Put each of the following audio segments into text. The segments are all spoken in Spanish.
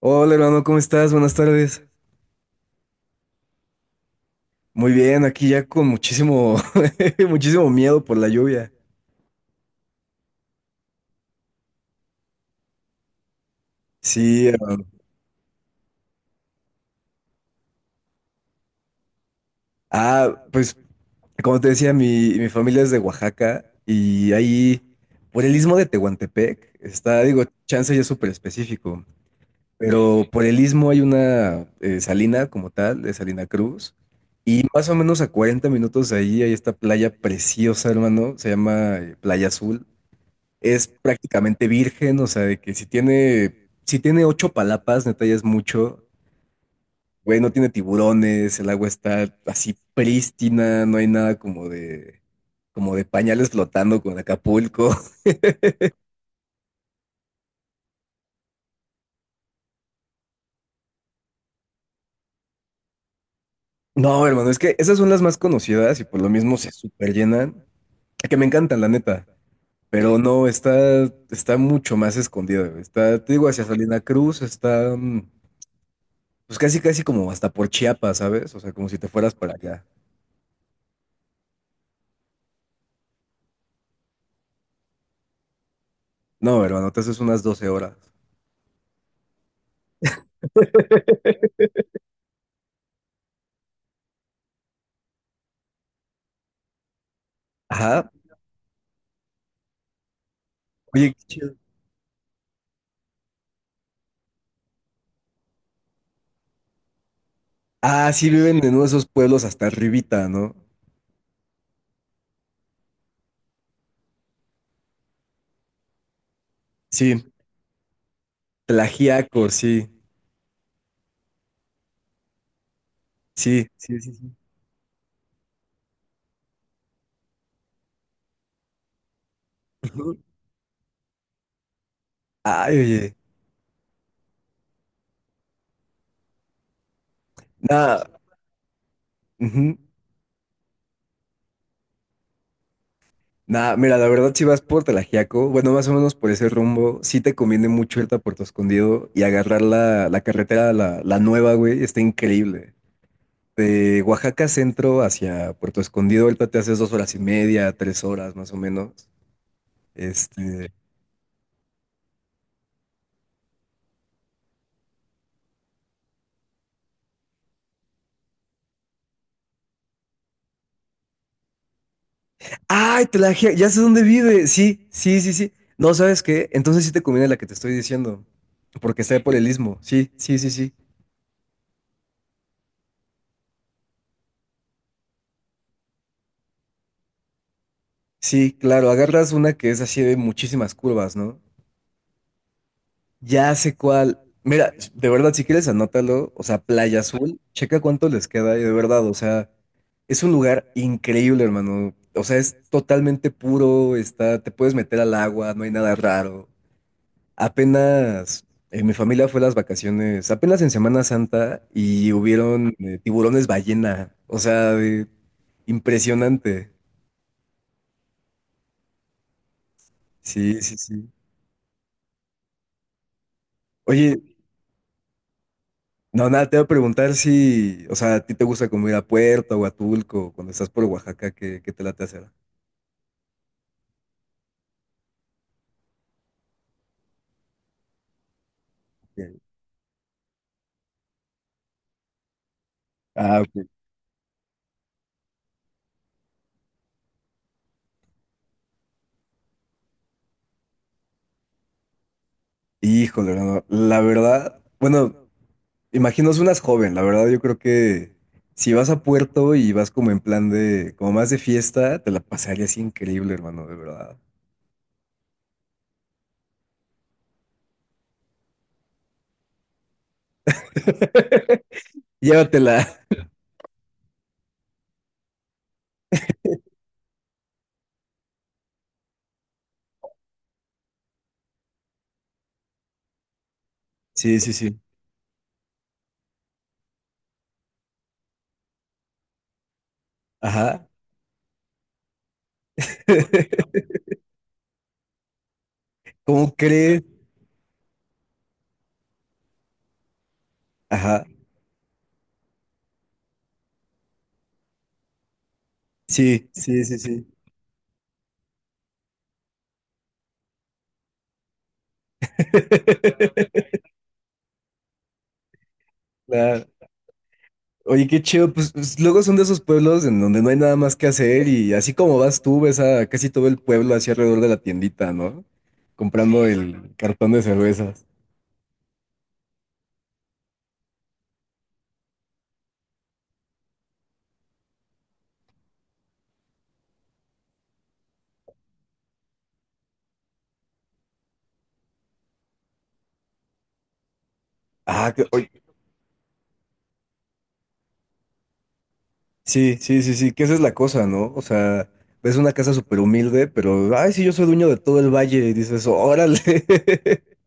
Hola hermano, ¿cómo estás? Buenas tardes. Muy bien, aquí ya con muchísimo, muchísimo miedo por la lluvia. Sí, hermano. Ah, pues como te decía, mi familia es de Oaxaca y ahí por el istmo de Tehuantepec está, digo, chance ya es súper específico, pero por el istmo hay una salina como tal, de Salina Cruz, y más o menos a 40 minutos de ahí hay esta playa preciosa, hermano, se llama Playa Azul. Es prácticamente virgen, o sea, de que si tiene ocho palapas, neta ya es mucho. Güey, no tiene tiburones, el agua está así prístina, no hay nada como de pañales flotando con Acapulco. No, hermano, es que esas son las más conocidas y por lo mismo se super llenan. Que me encantan, la neta. Pero no, está mucho más escondida, güey. Está, te digo, hacia Salina Cruz, está pues casi, casi como hasta por Chiapas, ¿sabes? O sea, como si te fueras para allá. No, hermano, te haces unas 12 horas. Ajá. Oye, qué chido. Ah, sí, sí. Viven en uno de esos pueblos hasta arribita, ¿no? Sí, Tlajiaco, sí. Sí, sí, sí, sí. Ujú. Ay, oye. Nada, ujú. Nada, mira, la verdad, si vas por Tlajiaco, bueno, más o menos por ese rumbo, sí te conviene mucho irte a Puerto Escondido y agarrar la carretera, la nueva, güey, está increíble. De Oaxaca Centro hacia Puerto Escondido, ahorita te haces 2 horas y media, 3 horas más o menos. Este, Ay, ya sé dónde vive. Sí, sí, sí, sí. No, ¿sabes qué? Entonces sí te conviene la que te estoy diciendo, porque está por el istmo. Sí, sí, sí, sí. Sí, claro, agarras una que es así de muchísimas curvas, ¿no? Ya sé cuál. Mira, de verdad, si quieres, anótalo. O sea, Playa Azul, checa cuánto les queda. Y de verdad, o sea, es un lugar increíble, hermano. O sea, es totalmente puro, está, te puedes meter al agua, no hay nada raro. Apenas mi familia fue a las vacaciones, apenas en Semana Santa, y hubieron tiburones ballena. O sea, impresionante. Sí, sí, sí. Oye, no, nada, te voy a preguntar si, o sea, ¿a ti te gusta como ir a Puerto o a Tulco cuando estás por Oaxaca? ¿Qué te late hacer? Ok. Ah, ok. Híjole, no, no, la verdad, bueno. Imagino unas joven, la verdad yo creo que si vas a Puerto y vas como en plan de, como más de fiesta, te la pasarías increíble, hermano, de verdad. Llévatela. Sí, sí, sí. Ajá. ¿Cómo crees? Ajá. Sí, sí, sí, sí. Claro. Oye, qué chido, pues, luego son de esos pueblos en donde no hay nada más que hacer y así como vas tú, ves a casi todo el pueblo así alrededor de la tiendita, ¿no? Comprando el cartón de cervezas. Ah, oye, sí, sí, sí, sí, que esa es la cosa, ¿no? O sea, ves una casa súper humilde, pero, ay, sí, yo soy dueño de todo el valle, y dices, órale.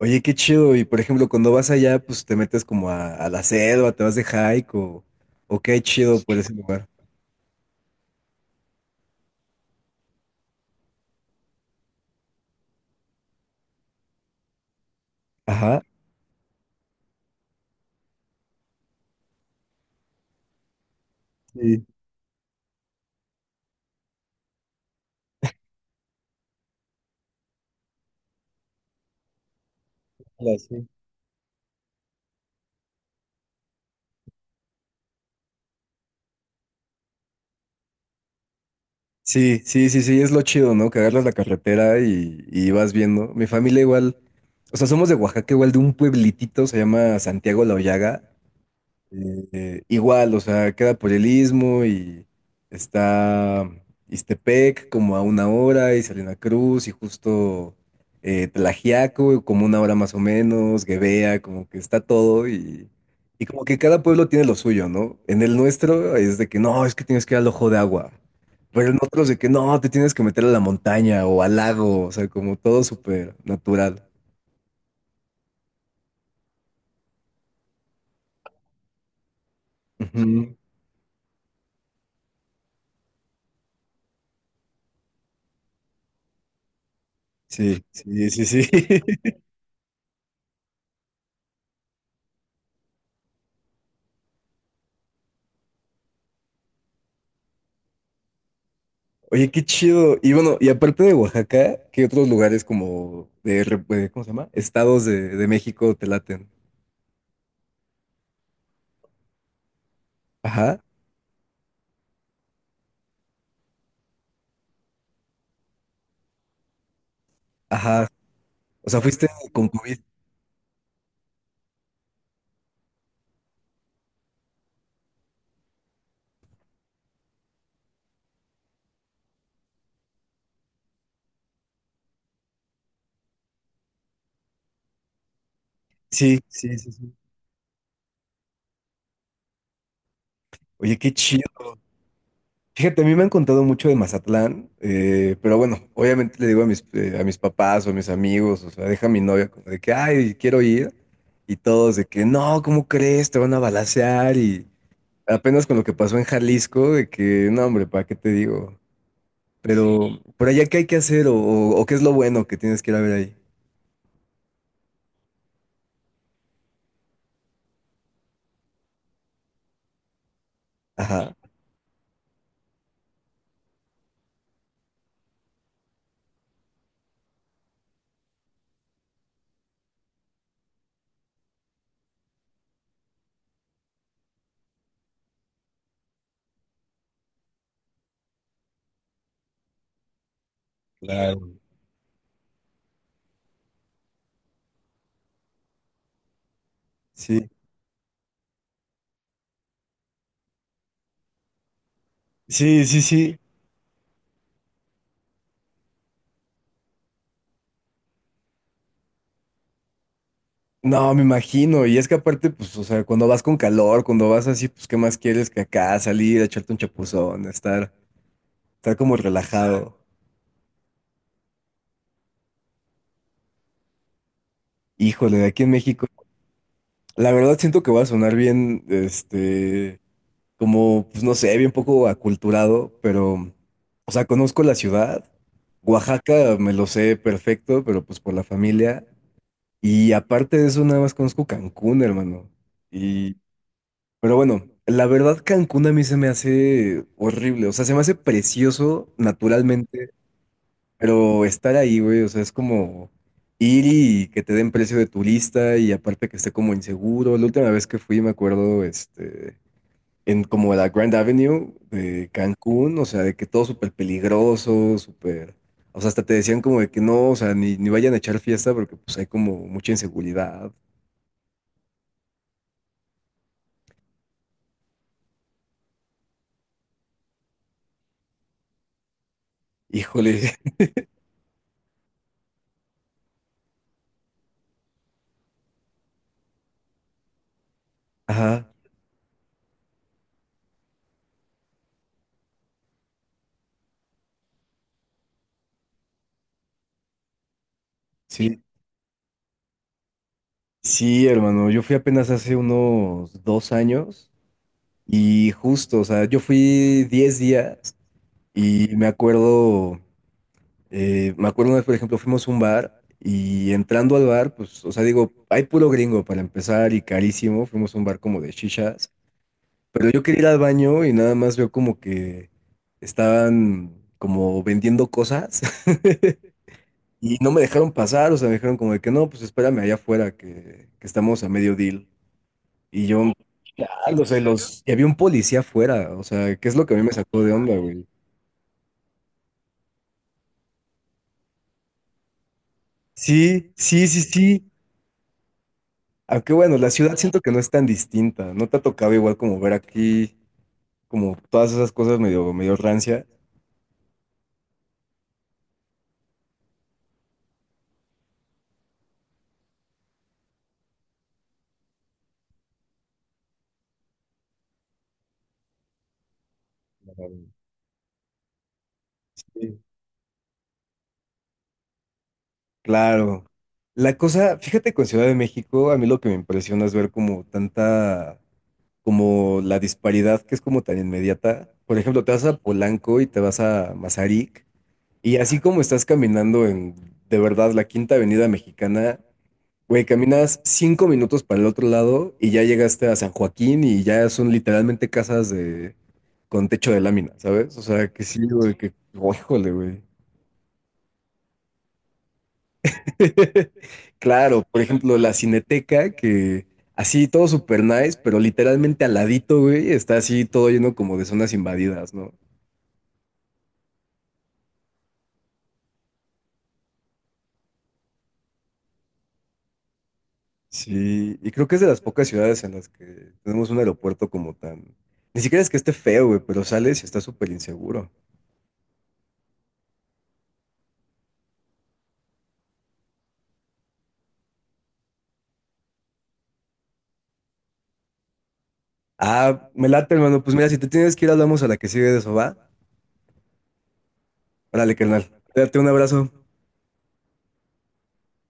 Oye, qué chido. Y por ejemplo, cuando vas allá, pues te metes como a la selva, te vas de hike o qué chido por ese lugar. Ajá. Sí, sí. Sí, sí, sí, sí, es lo chido, ¿no? Que agarras la carretera y vas viendo. Mi familia igual, o sea, somos de Oaxaca, igual de un pueblitito, se llama Santiago La Hoyaga. Igual, o sea, queda por el istmo y está Ixtepec como a una hora y Salina Cruz y justo Tlaxiaco como una hora más o menos, Guevea, como que está todo y como que cada pueblo tiene lo suyo, ¿no? En el nuestro es de que no, es que tienes que ir al ojo de agua, pero en otros de que no, te tienes que meter a la montaña o al lago, o sea, como todo súper natural. Ujú. Sí, sí, sí, sí. Oye, qué chido. Y bueno, y aparte de Oaxaca, ¿qué otros lugares como de, ¿cómo se llama? Estados de México te laten. Ajá, ajá. O sea, fuiste con COVID. Sí, sí, sí, sí. Oye, qué chido. Fíjate, a mí me han contado mucho de Mazatlán, pero bueno, obviamente le digo a mis papás o a mis amigos, o sea, deja a mi novia como de que, ay, quiero ir. Y todos de que, no, ¿cómo crees? Te van a balacear y... Apenas con lo que pasó en Jalisco, de que, no, hombre, ¿para qué te digo? Pero, ¿por allá qué hay que hacer o, o qué es lo bueno que tienes que ir a ver ahí? Ajá, claro. Sí, sí, sí, sí. No, me imagino. Y es que aparte, pues, o sea, cuando vas con calor, cuando vas así, pues, ¿qué más quieres que acá salir, echarte un chapuzón, estar como relajado? Híjole, de aquí en México. La verdad siento que va a sonar bien, como, pues, no sé, bien poco aculturado, pero, o sea, conozco la ciudad. Oaxaca me lo sé perfecto, pero pues por la familia. Y aparte de eso, nada más conozco Cancún, hermano. Y, pero bueno, la verdad Cancún a mí se me hace horrible, o sea, se me hace precioso naturalmente, pero estar ahí, güey, o sea, es como ir y que te den precio de turista y aparte que esté como inseguro. La última vez que fui, me acuerdo, en como la Grand Avenue de Cancún, o sea, de que todo súper peligroso, súper... O sea, hasta te decían como de que no, o sea, ni vayan a echar fiesta porque pues hay como mucha inseguridad. Híjole, ajá, sí, sí, hermano, yo fui apenas hace unos 2 años y justo, o sea, yo fui 10 días y me acuerdo una vez, por ejemplo, fuimos a un bar y entrando al bar, pues, o sea, digo, hay puro gringo para empezar y carísimo, fuimos a un bar como de chichas, pero yo quería ir al baño y nada más veo como que estaban como vendiendo cosas. Y no me dejaron pasar, o sea, me dijeron como de que no, pues espérame allá afuera, que estamos a medio deal. Y yo, chale, o sea, y había un policía afuera, o sea, ¿qué es lo que a mí me sacó de onda, güey? Sí, sí, sí, sí. Aunque bueno, la ciudad siento que no es tan distinta, no te ha tocado igual como ver aquí, como todas esas cosas medio, medio rancia. Sí. Claro. La cosa, fíjate con Ciudad de México, a mí lo que me impresiona es ver como tanta, como la disparidad que es como tan inmediata. Por ejemplo, te vas a Polanco y te vas a Mazarik y así como estás caminando en, de verdad, la Quinta Avenida Mexicana, güey, caminas 5 minutos para el otro lado y ya llegaste a San Joaquín y ya son literalmente casas de, con techo de lámina, ¿sabes? O sea, que sí, güey, que, oh, híjole, güey. Claro, por ejemplo, la Cineteca, que así todo super nice, pero literalmente al ladito, güey, está así todo lleno como de zonas invadidas, ¿no? Sí, y creo que es de las pocas ciudades en las que tenemos un aeropuerto como tan... Ni siquiera es que esté feo, güey, pero sales y está súper inseguro. Ah, me late, hermano. Pues mira, si te tienes que ir, hablamos a la que sigue de eso, ¿va? Órale, carnal. Date un abrazo.